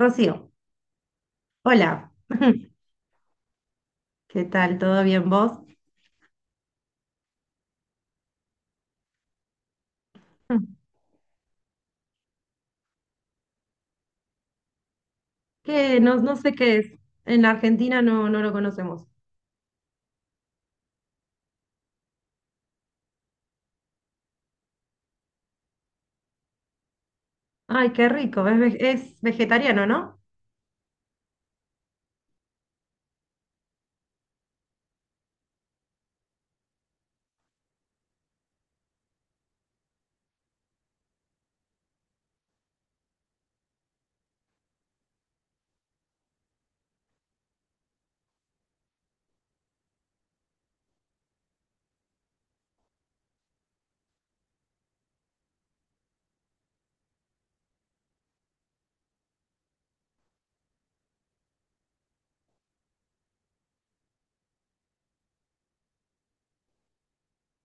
Rocío, hola, ¿qué tal? ¿Todo bien vos? Que no, no sé qué es. En la Argentina no, no lo conocemos. Ay, qué rico, es vegetariano, ¿no?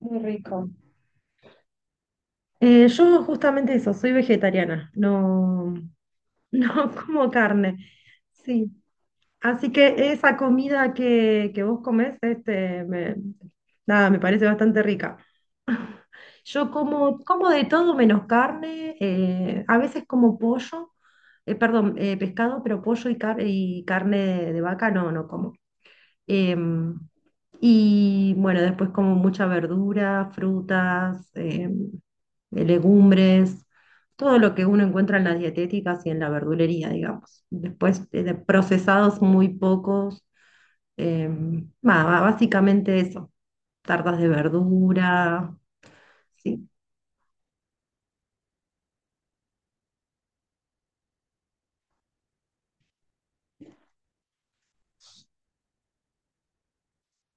Muy rico. Yo justamente eso, soy vegetariana, no, no como carne. Sí, así que esa comida que vos comés, este, nada, me parece bastante rica. Yo como de todo menos carne, a veces como pollo, perdón, pescado, pero pollo y carne de vaca no, no como. Em, y bueno, después como mucha verdura, frutas, legumbres, todo lo que uno encuentra en las dietéticas y en la verdulería, digamos. Después de procesados muy pocos, nada, básicamente eso, tartas de verdura. Sí.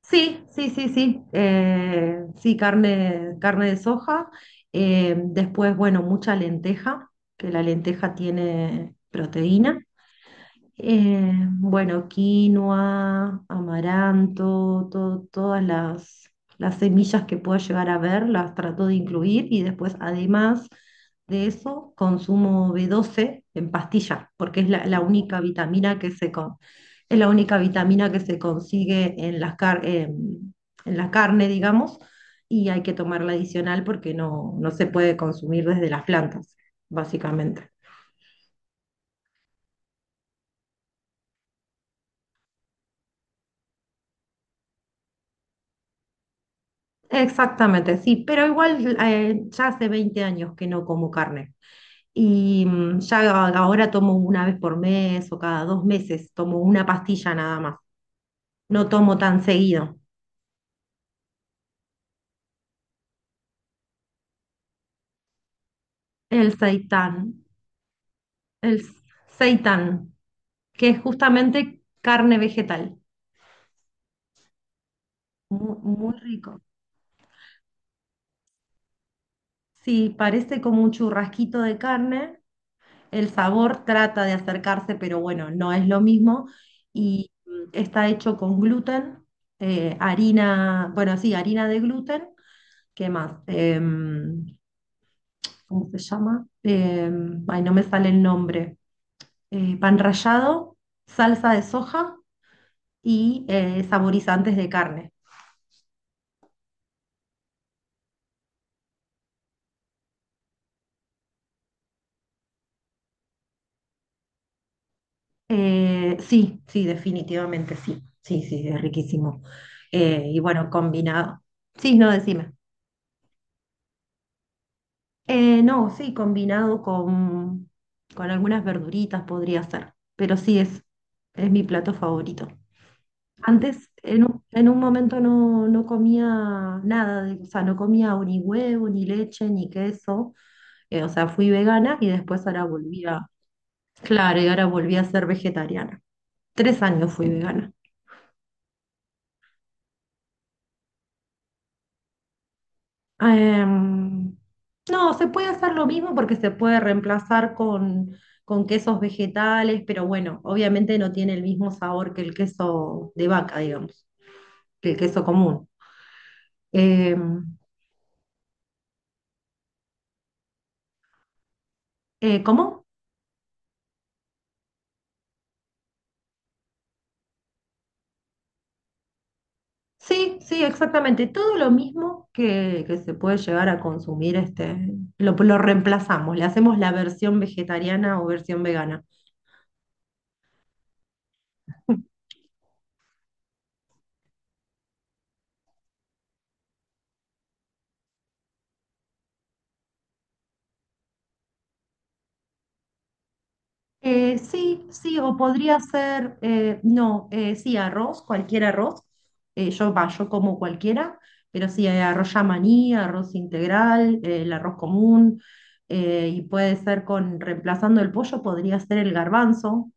Sí, sí, sí, sí. Sí, carne de soja. Después, bueno, mucha lenteja, que la lenteja tiene proteína. Bueno, quinoa, amaranto, todas las semillas que pueda llegar a ver, las trato de incluir y después, además de eso, consumo B12 en pastillas, porque es la única vitamina que se consigue en en la carne, digamos, y hay que tomarla adicional porque no, no se puede consumir desde las plantas, básicamente. Exactamente, sí, pero igual ya hace 20 años que no como carne y ya ahora tomo una vez por mes o cada 2 meses, tomo una pastilla nada más, no tomo tan seguido. El seitán, el seitán, que es justamente carne vegetal, muy rico. Sí, parece como un churrasquito de carne. El sabor trata de acercarse, pero bueno, no es lo mismo. Y está hecho con gluten, harina, bueno, sí, harina de gluten. ¿Qué más? ¿Cómo se llama? Ay, no me sale el nombre. Pan rallado, salsa de soja y saborizantes de carne. Sí, sí, definitivamente sí. Sí, sí, es riquísimo. Y bueno, combinado. Sí, no, decime. No, sí, combinado con algunas verduritas podría ser, pero sí es mi plato favorito. Antes, en un momento no, no comía nada, o sea, no comía o ni huevo, ni leche, ni queso, o sea, fui vegana y después ahora volví a, claro, y ahora volví a ser vegetariana. 3 años fui vegana. Em, no, se puede hacer lo mismo porque se puede reemplazar con quesos vegetales, pero bueno, obviamente no tiene el mismo sabor que el queso de vaca, digamos, que el queso común. Em, ¿Cómo? Sí, sí, exactamente. Todo lo mismo que se puede llegar a consumir, este, lo reemplazamos, le hacemos la versión vegetariana o versión vegana. Sí, sí, o podría ser, no, sí, arroz, cualquier arroz. Yo, va, yo como cualquiera, pero sí, arroz yamaní, arroz integral, el arroz común, y puede ser con, reemplazando el pollo, podría ser el garbanzo.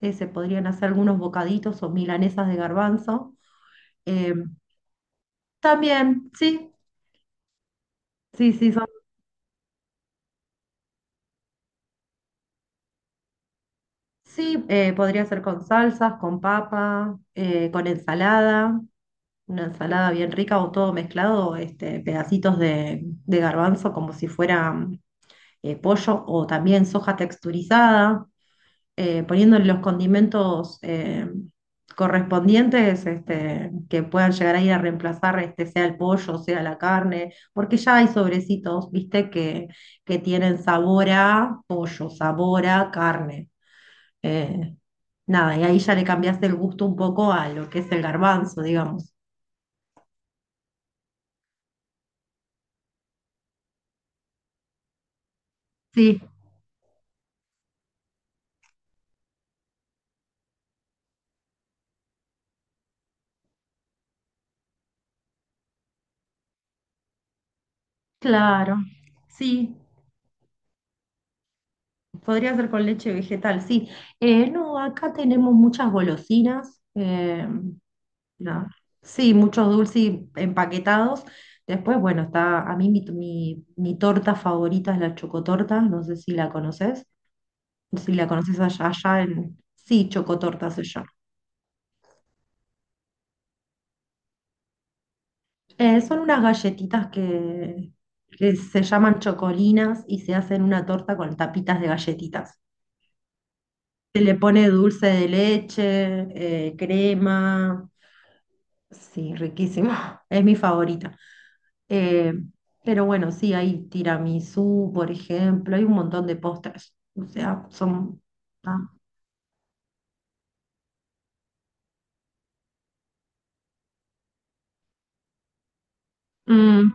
Se podrían hacer algunos bocaditos o milanesas de garbanzo. Eh, también, sí, sí, sí, sí, podría ser con salsas, con papa, con ensalada. Una ensalada bien rica o todo mezclado, este, pedacitos de garbanzo como si fuera pollo o también soja texturizada, poniéndole los condimentos correspondientes este, que puedan llegar a ir a reemplazar, este, sea el pollo, sea la carne, porque ya hay sobrecitos, viste, que tienen sabor a pollo, sabor a carne. Eh, nada, y ahí ya le cambiaste el gusto un poco a lo que es el garbanzo, digamos. Sí, claro, sí, podría ser con leche vegetal, sí. No, acá tenemos muchas golosinas, la- sí, muchos dulces empaquetados. Después, bueno, está, a mí mi torta favorita es la chocotorta, no sé si la conoces, si la conoces allá, sí, chocotorta se llama. Son unas galletitas que se llaman chocolinas y se hacen una torta con tapitas de galletitas. Se le pone dulce de leche, crema. Sí, riquísimo. Es mi favorita. Eh, pero bueno, sí, hay tiramisú, por ejemplo. Hay un montón de postres. O sea, son... Ah, mm.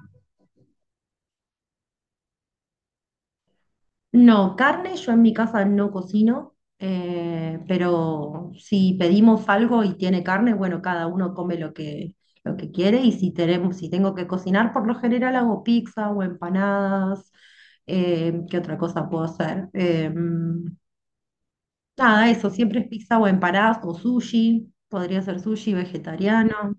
No, carne yo en mi casa no cocino, pero si pedimos algo y tiene carne, bueno, cada uno come lo que quiere y si tenemos, si tengo que cocinar, por lo general hago pizza o empanadas, ¿qué otra cosa puedo hacer? Nada, eso, siempre es pizza o empanadas o sushi, podría ser sushi vegetariano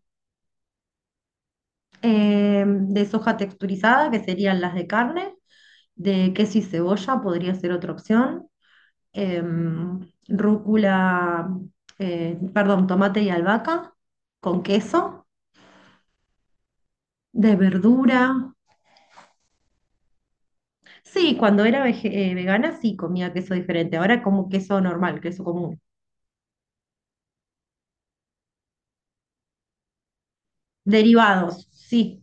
de soja texturizada, que serían las de carne, de queso y cebolla podría ser otra opción, em, rúcula, perdón, tomate y albahaca con queso, de verdura. Sí, cuando era vegana sí comía queso diferente, ahora como queso normal, queso común. Derivados, sí,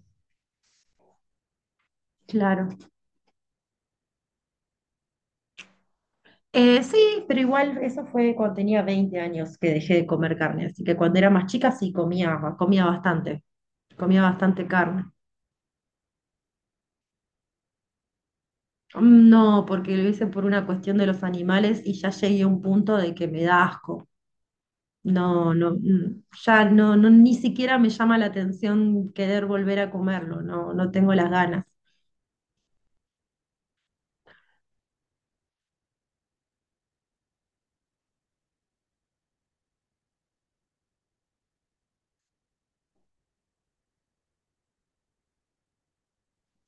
claro. Sí, pero igual eso fue cuando tenía 20 años que dejé de comer carne, así que cuando era más chica sí comía, bastante, comía bastante carne. Mm, no, porque lo hice por una cuestión de los animales y ya llegué a un punto de que me da asco. No, no, ya no, no, ni siquiera me llama la atención querer volver a comerlo, no, no tengo las ganas.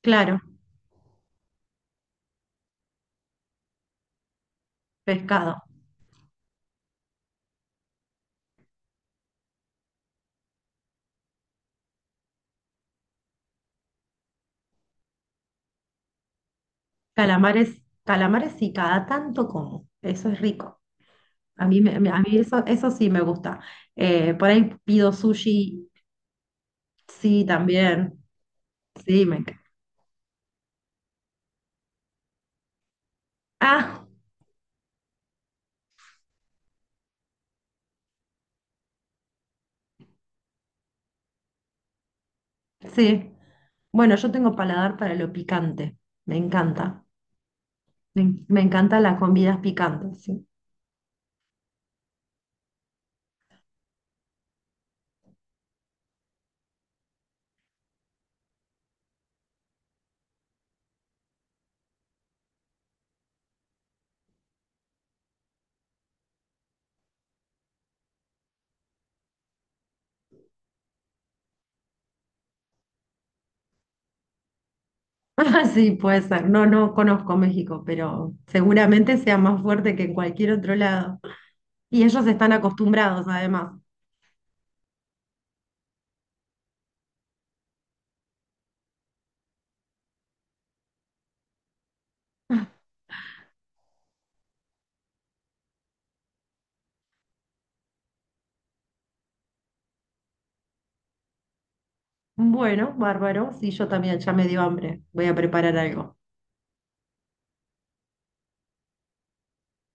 Claro, pescado. Calamares, calamares sí, cada tanto como. Eso es rico. A mí, a mí eso sí me gusta. Por ahí pido sushi, sí, también. Sí, me encanta. Ah, sí. Bueno, yo tengo paladar para lo picante. Me encanta. Me encantan las comidas picantes, sí. Ah, sí, puede ser. No, no conozco México, pero seguramente sea más fuerte que en cualquier otro lado. Y ellos están acostumbrados, además. Bueno, bárbaro. Sí, yo también, ya me dio hambre. Voy a preparar algo.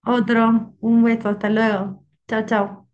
Otro, un beso, hasta luego. Chao, chao.